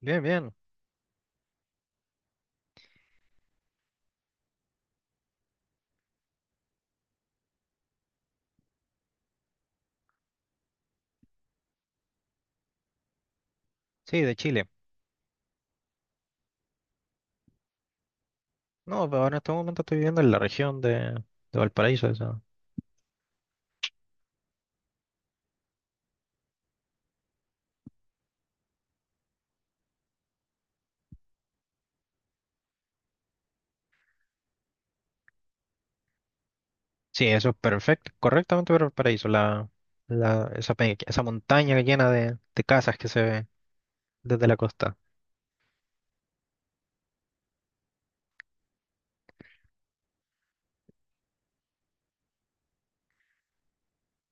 Bien, bien. Sí, de Chile. No, pero en este momento estoy viviendo en la región de Valparaíso. Eso. Sí, eso es perfecto, correctamente Valparaíso. Esa montaña llena de casas que se ve desde la costa.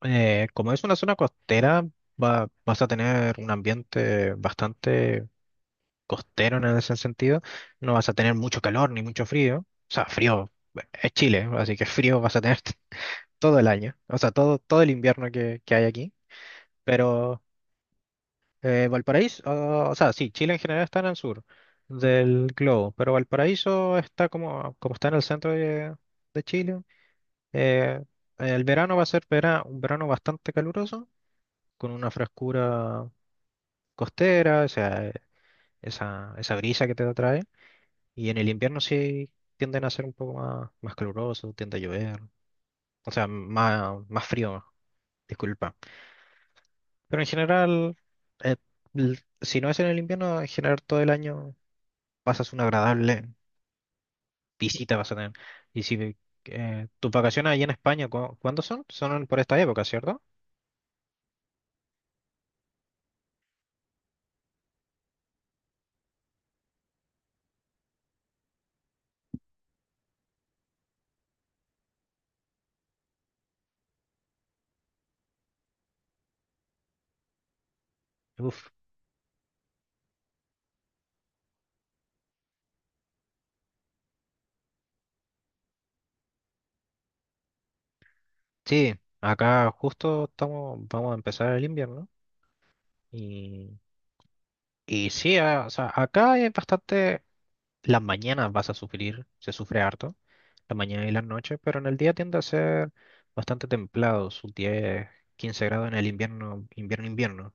Como es una zona costera, vas a tener un ambiente bastante costero en ese sentido. No vas a tener mucho calor ni mucho frío. O sea, frío, es Chile, así que frío vas a tener todo el año. O sea, todo el invierno que hay aquí. Pero Valparaíso, o sea, sí, Chile en general está en el sur del globo, pero Valparaíso está como está en el centro de Chile. eh, el verano va a ser un verano bastante caluroso, con una frescura costera, o sea, esa brisa que te atrae. Y en el invierno sí tienden a ser un poco más caluroso, tiende a llover, o sea, más frío, disculpa. Pero en general, eh, si no es en el invierno, en general todo el año pasas una agradable visita, vas a tener. Y si, tus vacaciones allá en España, ¿cuándo son? Son por esta época, ¿cierto? Uf, sí, acá justo estamos, vamos a empezar el invierno. Y, y sí, o sea, acá es bastante, las mañanas vas a sufrir, se sufre harto, la mañana y las noches, pero en el día tiende a ser bastante templado, sus 10, 15 grados en el invierno, invierno, invierno.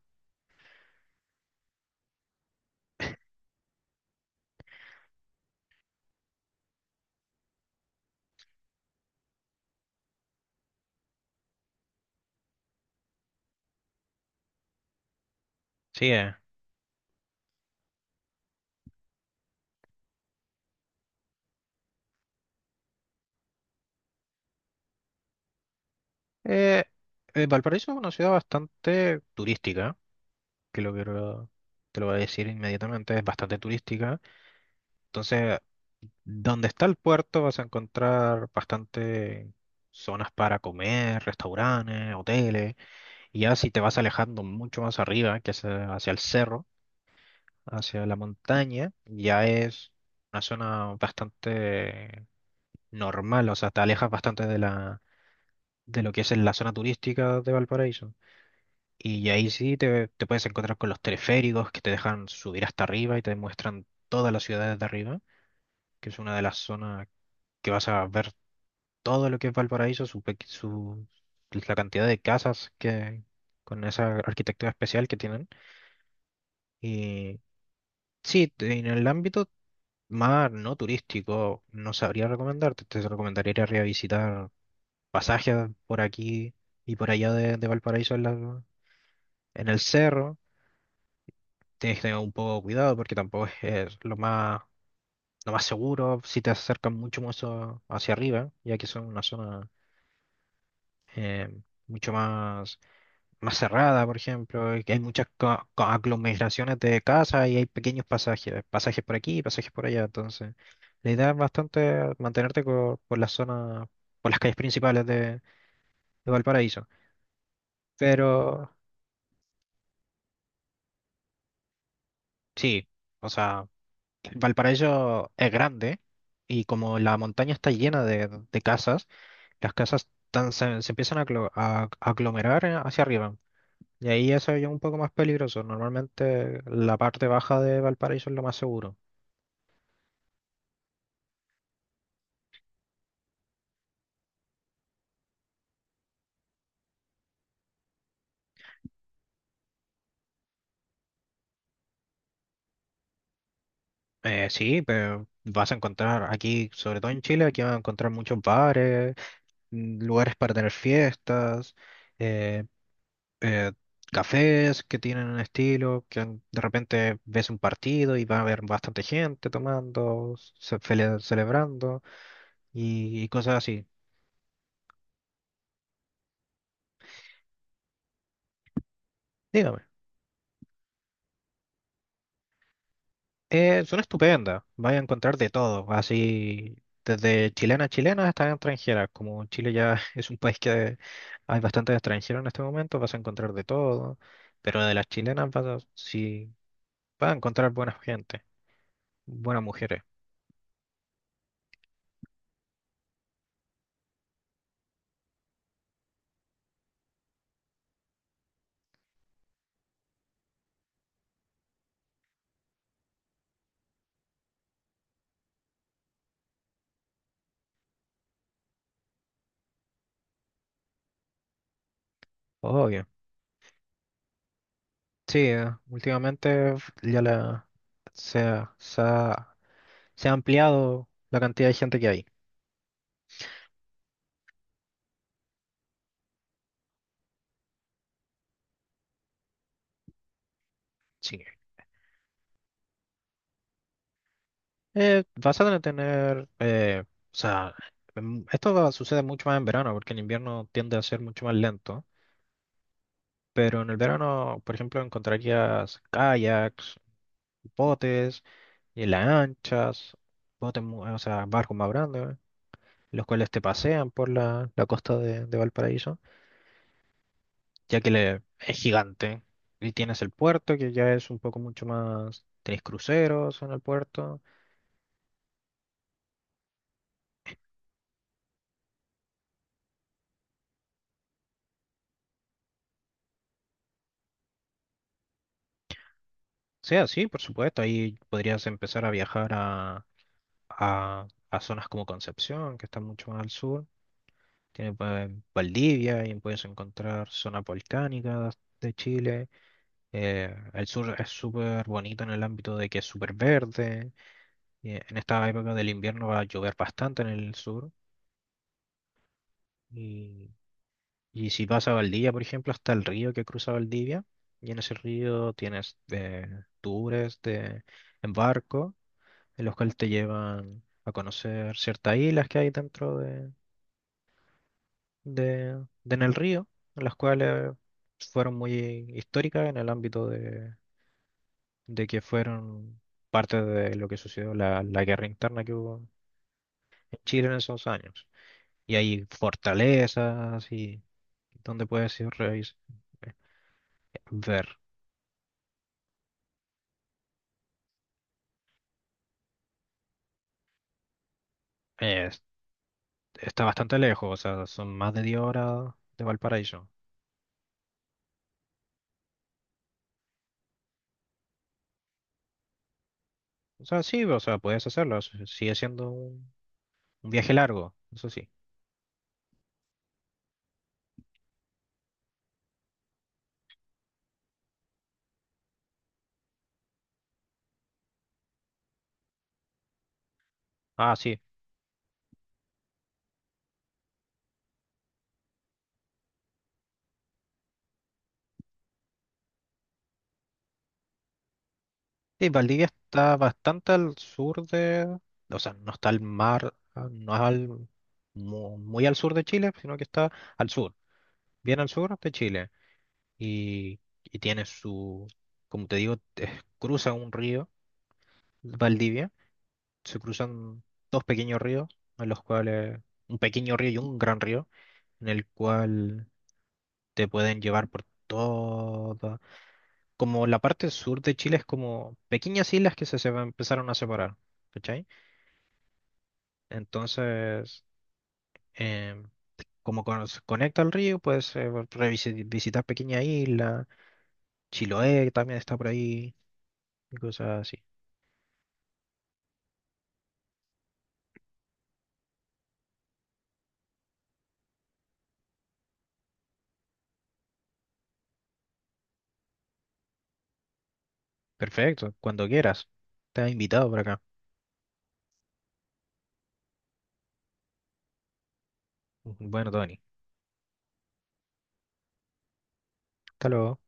Sí. Eh, Valparaíso es una ciudad bastante turística, que lo quiero, te lo voy a decir inmediatamente, es bastante turística. Entonces, donde está el puerto vas a encontrar bastante zonas para comer, restaurantes, hoteles. Y ya si te vas alejando mucho más arriba, que es, hacia el cerro, hacia la montaña, ya es una zona bastante normal, o sea, te alejas bastante de la, de lo que es la zona turística de Valparaíso. Y ahí sí te puedes encontrar con los teleféricos que te dejan subir hasta arriba y te muestran todas las ciudades de arriba, que es una de las zonas que vas a ver todo lo que es Valparaíso, la cantidad de casas que con esa arquitectura especial que tienen. Y sí, en el ámbito más no turístico no sabría recomendarte, te recomendaría ir a revisitar pasajes por aquí y por allá de Valparaíso. En el cerro tienes que tener un poco de cuidado porque tampoco es, lo más seguro si te acercan mucho más hacia arriba, ya que son una zona, eh, mucho más cerrada, por ejemplo, y que hay muchas aglomeraciones de casas y hay pequeños pasajes, pasajes por aquí, pasajes por allá. Entonces la idea es bastante mantenerte las zonas, por las calles principales de Valparaíso, pero sí, o sea, Valparaíso es grande y como la montaña está llena de casas. Las casas se empiezan a aglomerar, hacia arriba. Y ahí ya se ve ya un poco más peligroso. Normalmente la parte baja de Valparaíso es lo más seguro. Sí, pero vas a encontrar aquí, sobre todo en Chile, aquí vas a encontrar muchos bares, lugares para tener fiestas, eh, eh, cafés que tienen un estilo, que de repente ves un partido y va a haber bastante gente tomando, celebrando y cosas así. Son estupendas, vas a encontrar de todo, así desde chilenas chilenas hasta extranjeras. Como Chile ya es un país que hay bastantes extranjeros en este momento, vas a encontrar de todo, pero de las chilenas vas a, sí, vas a encontrar buena gente, buenas mujeres, obvio. Sí, últimamente f- ya la, se, ha, se ha se ha ampliado la cantidad de gente que hay. Sí. Vas a tener, o sea, sucede mucho más en verano, porque en invierno tiende a ser mucho más lento, pero en el verano, por ejemplo, encontrarías kayaks, botes y lanchas, botes, o sea, barcos más grandes, los cuales te pasean por la costa de Valparaíso, ya que es gigante, y tienes el puerto, que ya es un poco mucho más, tienes cruceros en el puerto. O sea, sí, por supuesto, ahí podrías empezar a viajar a zonas como Concepción, que está mucho más al sur. Tiene, Valdivia, y puedes encontrar zonas volcánicas de Chile. El sur es súper bonito en el ámbito de que es súper verde. Y en esta época del invierno va a llover bastante en el sur. Y, y si vas a Valdivia, por ejemplo, hasta el río que cruza Valdivia. Y en ese río tienes, tours de, en barco, en los cuales te llevan a conocer ciertas islas que hay dentro de en el río, las cuales fueron muy históricas en el ámbito de que fueron parte de lo que sucedió la guerra interna que hubo en Chile en esos años. Y hay fortalezas y donde puedes ir ver. Es- Está bastante lejos, o sea, son más de 10 horas de Valparaíso. O sea, sí, o sea, puedes hacerlo, sigue siendo un viaje largo, eso sí. Ah, sí, sí, Valdivia está bastante al sur de, o sea, no está al mar, no es muy, al sur de Chile, sino que está al sur, bien al sur de Chile. Y tiene su, como te digo, cruza un río, Valdivia, se cruzan dos pequeños ríos, en los cuales, un pequeño río y un gran río, en el cual te pueden llevar por toda, como la parte sur de Chile es como pequeñas islas que se empezaron a separar. ¿Cachai? Entonces, em, como se conecta al río, puedes, visitar pequeña isla. Chiloé también está por ahí y cosas así. Perfecto, cuando quieras. Estás invitado por acá. Bueno, Tony, hasta luego.